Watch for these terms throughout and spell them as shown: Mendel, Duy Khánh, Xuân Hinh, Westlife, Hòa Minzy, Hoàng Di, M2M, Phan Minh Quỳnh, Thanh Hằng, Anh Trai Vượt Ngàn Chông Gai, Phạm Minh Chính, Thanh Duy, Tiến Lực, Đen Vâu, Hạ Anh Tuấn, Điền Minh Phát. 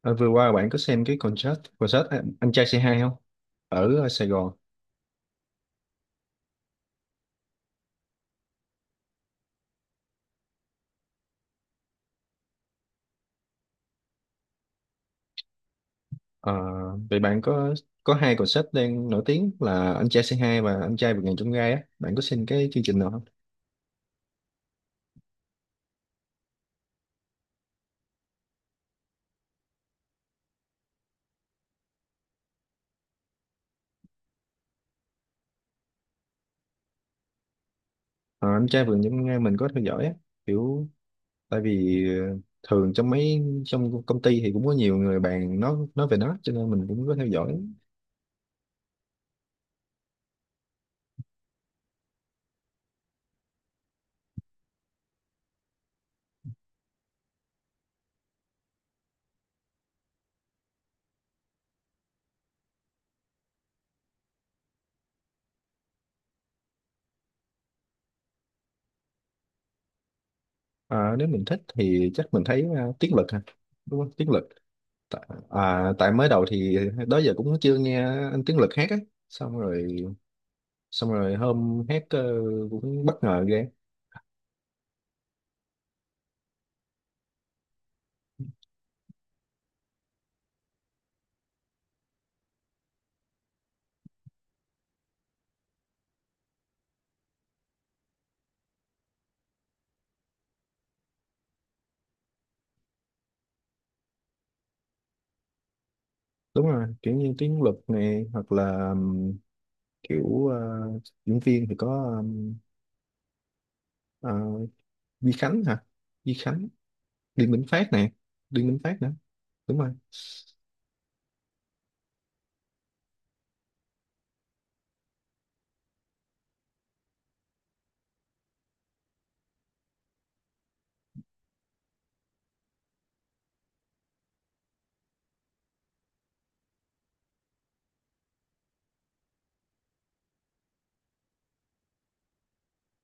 Ờ, Vừa qua bạn có xem cái concert concert Anh Trai c hai không? Sài Gòn. Ờ, Vậy bạn có hai concert đang nổi tiếng là Anh Trai c hai và Anh Trai Vượt Ngàn Chông Gai á. Bạn có xem cái chương trình nào không? Ờ, Anh Trai Vượt Ngàn Chông Gai mình có theo dõi á. Kiểu tại vì, thường trong công ty thì cũng có nhiều người bạn nói về nó, cho nên mình cũng có theo dõi. Ờ, Nếu mình thích thì chắc mình thấy Tiến Lực ha. Đúng không? Tiến Lực. Tạ- À, tại mới đầu thì đó giờ cũng chưa nghe anh Tiến Lực hát á, xong rồi xong rồi hôm hát, cũng bất ngờ ghê. Đúng rồi, kiểu như tiếng luật này, hoặc là kiểu diễn viên thì có ờ, Duy Khánh hả? Duy Khánh. Điền Minh Phát nè. Điền Minh Phát nữa. Đúng rồi.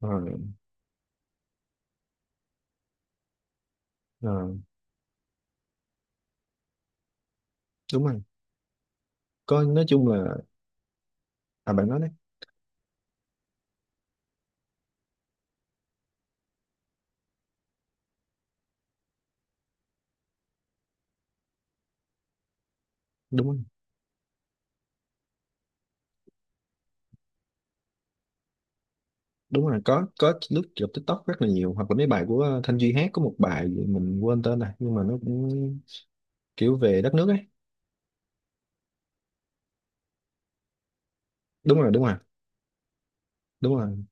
Ờ, ờ, Đúng rồi. Có, nói chung là, à, bạn nói đấy. Đúng rồi, đúng rồi. Có lướt trên TikTok rất là nhiều, hoặc là mấy bài của Thanh Duy hát, có một bài mình quên tên này nhưng mà nó cũng kiểu về đất nước ấy. Đúng rồi. Đúng rồi. Đúng rồi.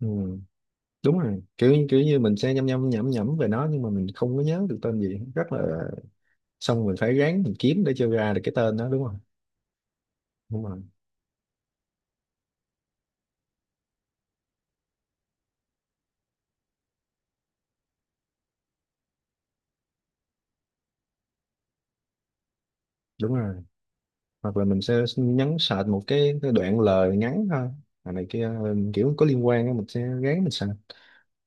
Ừ. Đúng rồi, kiểu kiểu như mình sẽ nhăm nhăm nhẩm nhẩm về nó nhưng mà mình không có nhớ được tên gì, rất là... xong mình phải ráng mình kiếm để cho ra được cái tên đó, đúng không? Đúng rồi, đúng rồi. Hoặc là mình sẽ nhấn search một cái đoạn lời ngắn thôi, à, này kia, kiểu có liên quan á, mình sẽ ráng mình search.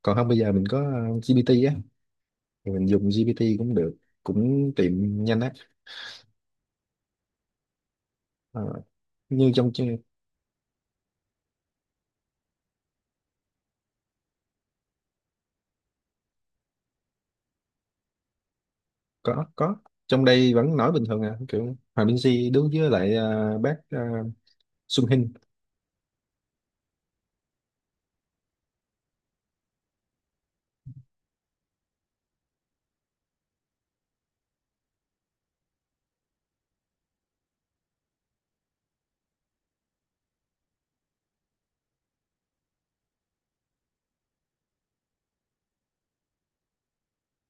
Còn không, bây giờ mình có GPT á, thì mình dùng GPT cũng được, cũng tìm nhanh á. Ờ, như trong chương- có, có. Trong đây vẫn nói bình thường à, kiểu Hòa Minzy đứng với lại bác Xuân Hinh.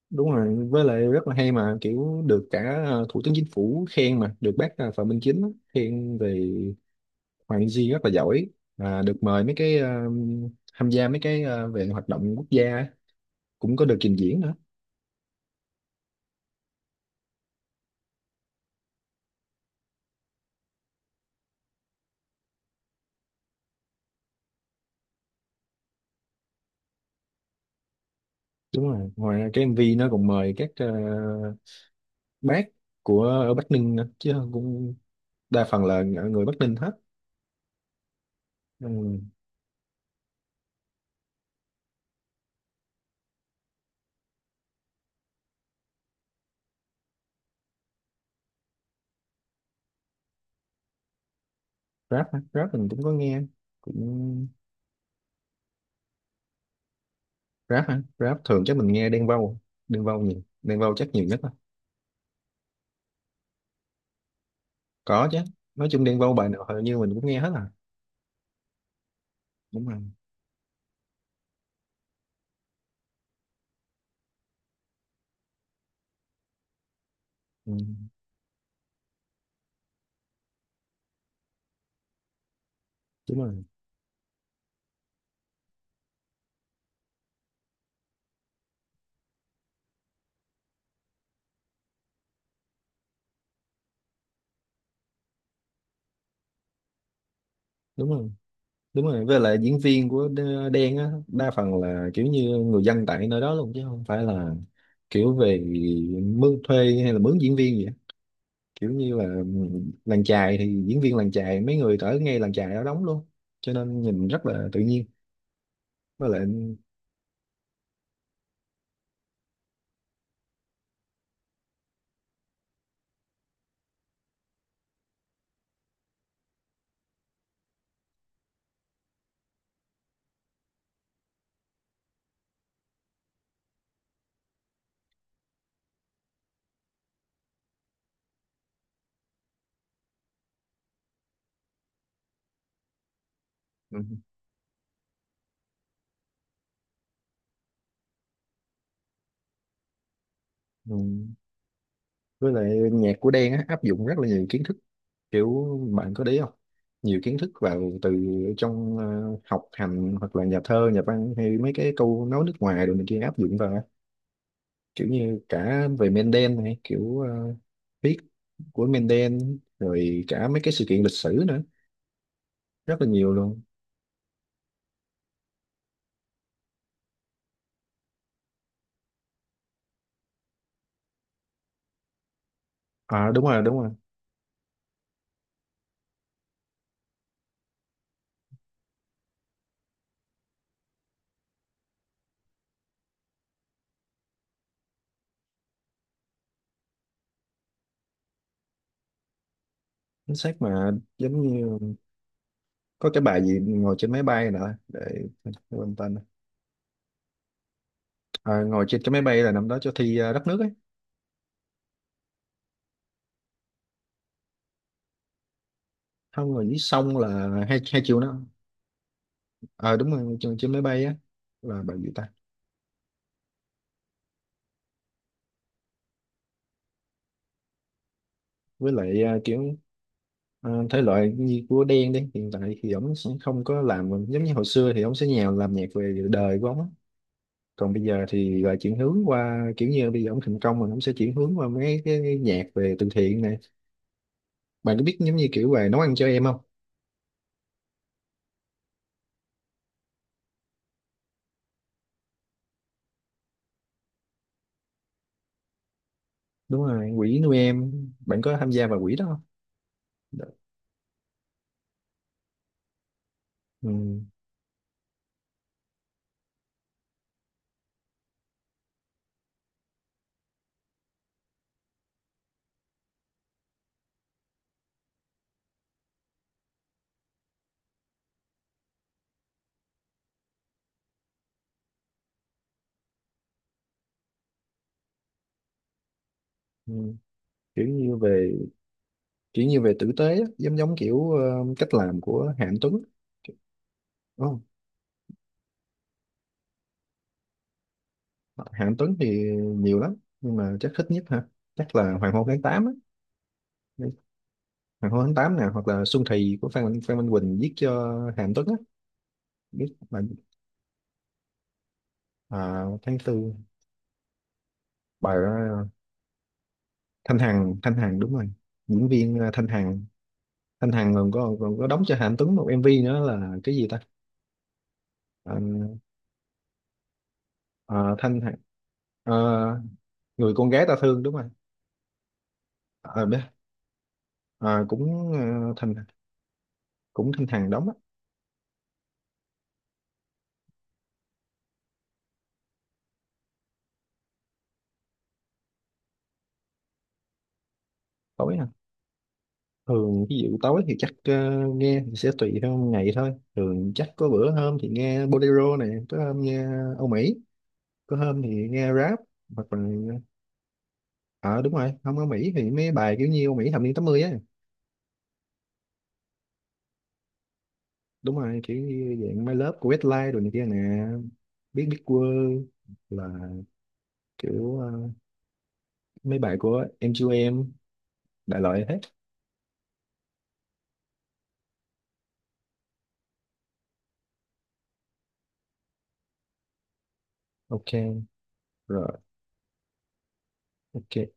Đúng rồi, với lại rất là hay mà, kiểu được cả thủ tướng chính phủ khen mà, được bác Phạm Minh Chính á, khen về Hoàng Di rất là giỏi. À, được mời mấy cái tham gia mấy cái về hoạt động quốc gia á, cũng có được trình diễn nữa. Đúng rồi, ngoài ra cái MV nó còn mời các bác của ở Bắc Ninh nữa chứ, cũng đa phần là người Bắc Ninh hết. Ừ. Rap hả? Rap mình cũng có nghe, cũng... Rap hả? Rap thường chắc mình nghe Đen Vâu. Đen Vâu nhiều, Đen Vâu chắc nhiều nhất. Có chứ, nói chung Đen Vâu bài nào hầu như mình cũng nghe hết à. Đúng rồi. Ừ, đúng rồi. Đúng rồi. Đúng rồi. Với lại diễn viên của Đen á đa phần là kiểu như người dân tại nơi đó luôn, chứ không phải là kiểu về mướn thuê, hay là mướn diễn viên gì á, kiểu như là, ừ, làng chài thì diễn viên làng chài mấy người ở ngay làng chài đó đóng luôn, cho nên nhìn rất là tự nhiên. Với lại ừ, ừ, ừ. Với lại nhạc của Đen á áp dụng rất là nhiều kiến thức, kiểu... bạn có đấy không? Nhiều kiến thức vào, từ trong học hành, hoặc là nhà thơ nhà văn, hay mấy cái câu nói nước ngoài rồi này kia, áp dụng vào á. Kiểu như cả về Mendel này, kiểu viết của Mendel, rồi cả mấy cái sự kiện lịch sử nữa, rất là nhiều luôn. À đúng rồi, đúng rồi, chính xác mà. Giống như có cái bài gì ngồi trên máy bay nữa, để... quên tên. À, ngồi trên cái máy bay là năm đó cho thi đất nước á, không rồi, xong là hai hai triệu nữa. Ờ đúng rồi, trên máy bay á, là bao nhiêu ta. Với lại à, kiểu, à, thể loại như của Đen đấy, hiện tại thì ổng sẽ không có làm giống như hồi xưa, thì ổng sẽ nhào làm nhạc về đời của ổng á. Còn bây giờ thì là chuyển hướng qua, kiểu như bây giờ ổng thành công rồi, ổng sẽ chuyển hướng qua mấy cái nhạc về từ thiện này. Bạn có biết giống như kiểu về nấu ăn cho em không? Đúng rồi, quỹ nuôi em. Bạn có tham gia vào quỹ đó không? Đ- ừ. Ừ. kiểu như về kiểu như về tử tế á, giống giống kiểu cách làm của Hạ Anh Tuấn. Oh, Hạ Anh Tuấn thì nhiều lắm, nhưng mà chắc thích nhất ha, chắc là Hoàng hôn tháng 8 á. Hoàng hôn tháng 8 nè, hoặc là Xuân Thì của Phan Phan Minh Quỳnh viết cho Hạ Anh Tuấn á, biết bạn. À, tháng tư. Bài Thanh Hằng, Thanh Hằng, đúng rồi, diễn viên Thanh Hằng. Thanh Hằng còn có đóng cho Hạ Anh Tuấn một MV nữa là cái gì ta. Ờ, ờ, Thanh Hằng. Ờ, người con gái ta thương, đúng rồi. Ờ, biết. Ờ, cũng... thành cũng căng thẳng lắm á. Tối à? Thường ví dụ tối thì chắc, nghe thì sẽ tùy theo ngày thôi. Thường chắc có bữa hôm thì nghe bolero này, có hôm nghe Âu Mỹ, có hôm thì nghe rap, hoặc là... ờ đúng rồi, không Âu Mỹ thì mấy bài kiểu như Âu Mỹ thập niên 80 á. Đúng rồi, kiểu như dạng My Love của Westlife rồi này kia nè, biết, World, là kiểu mấy bài của M2M, đại loại hết. Ok, rồi, ok.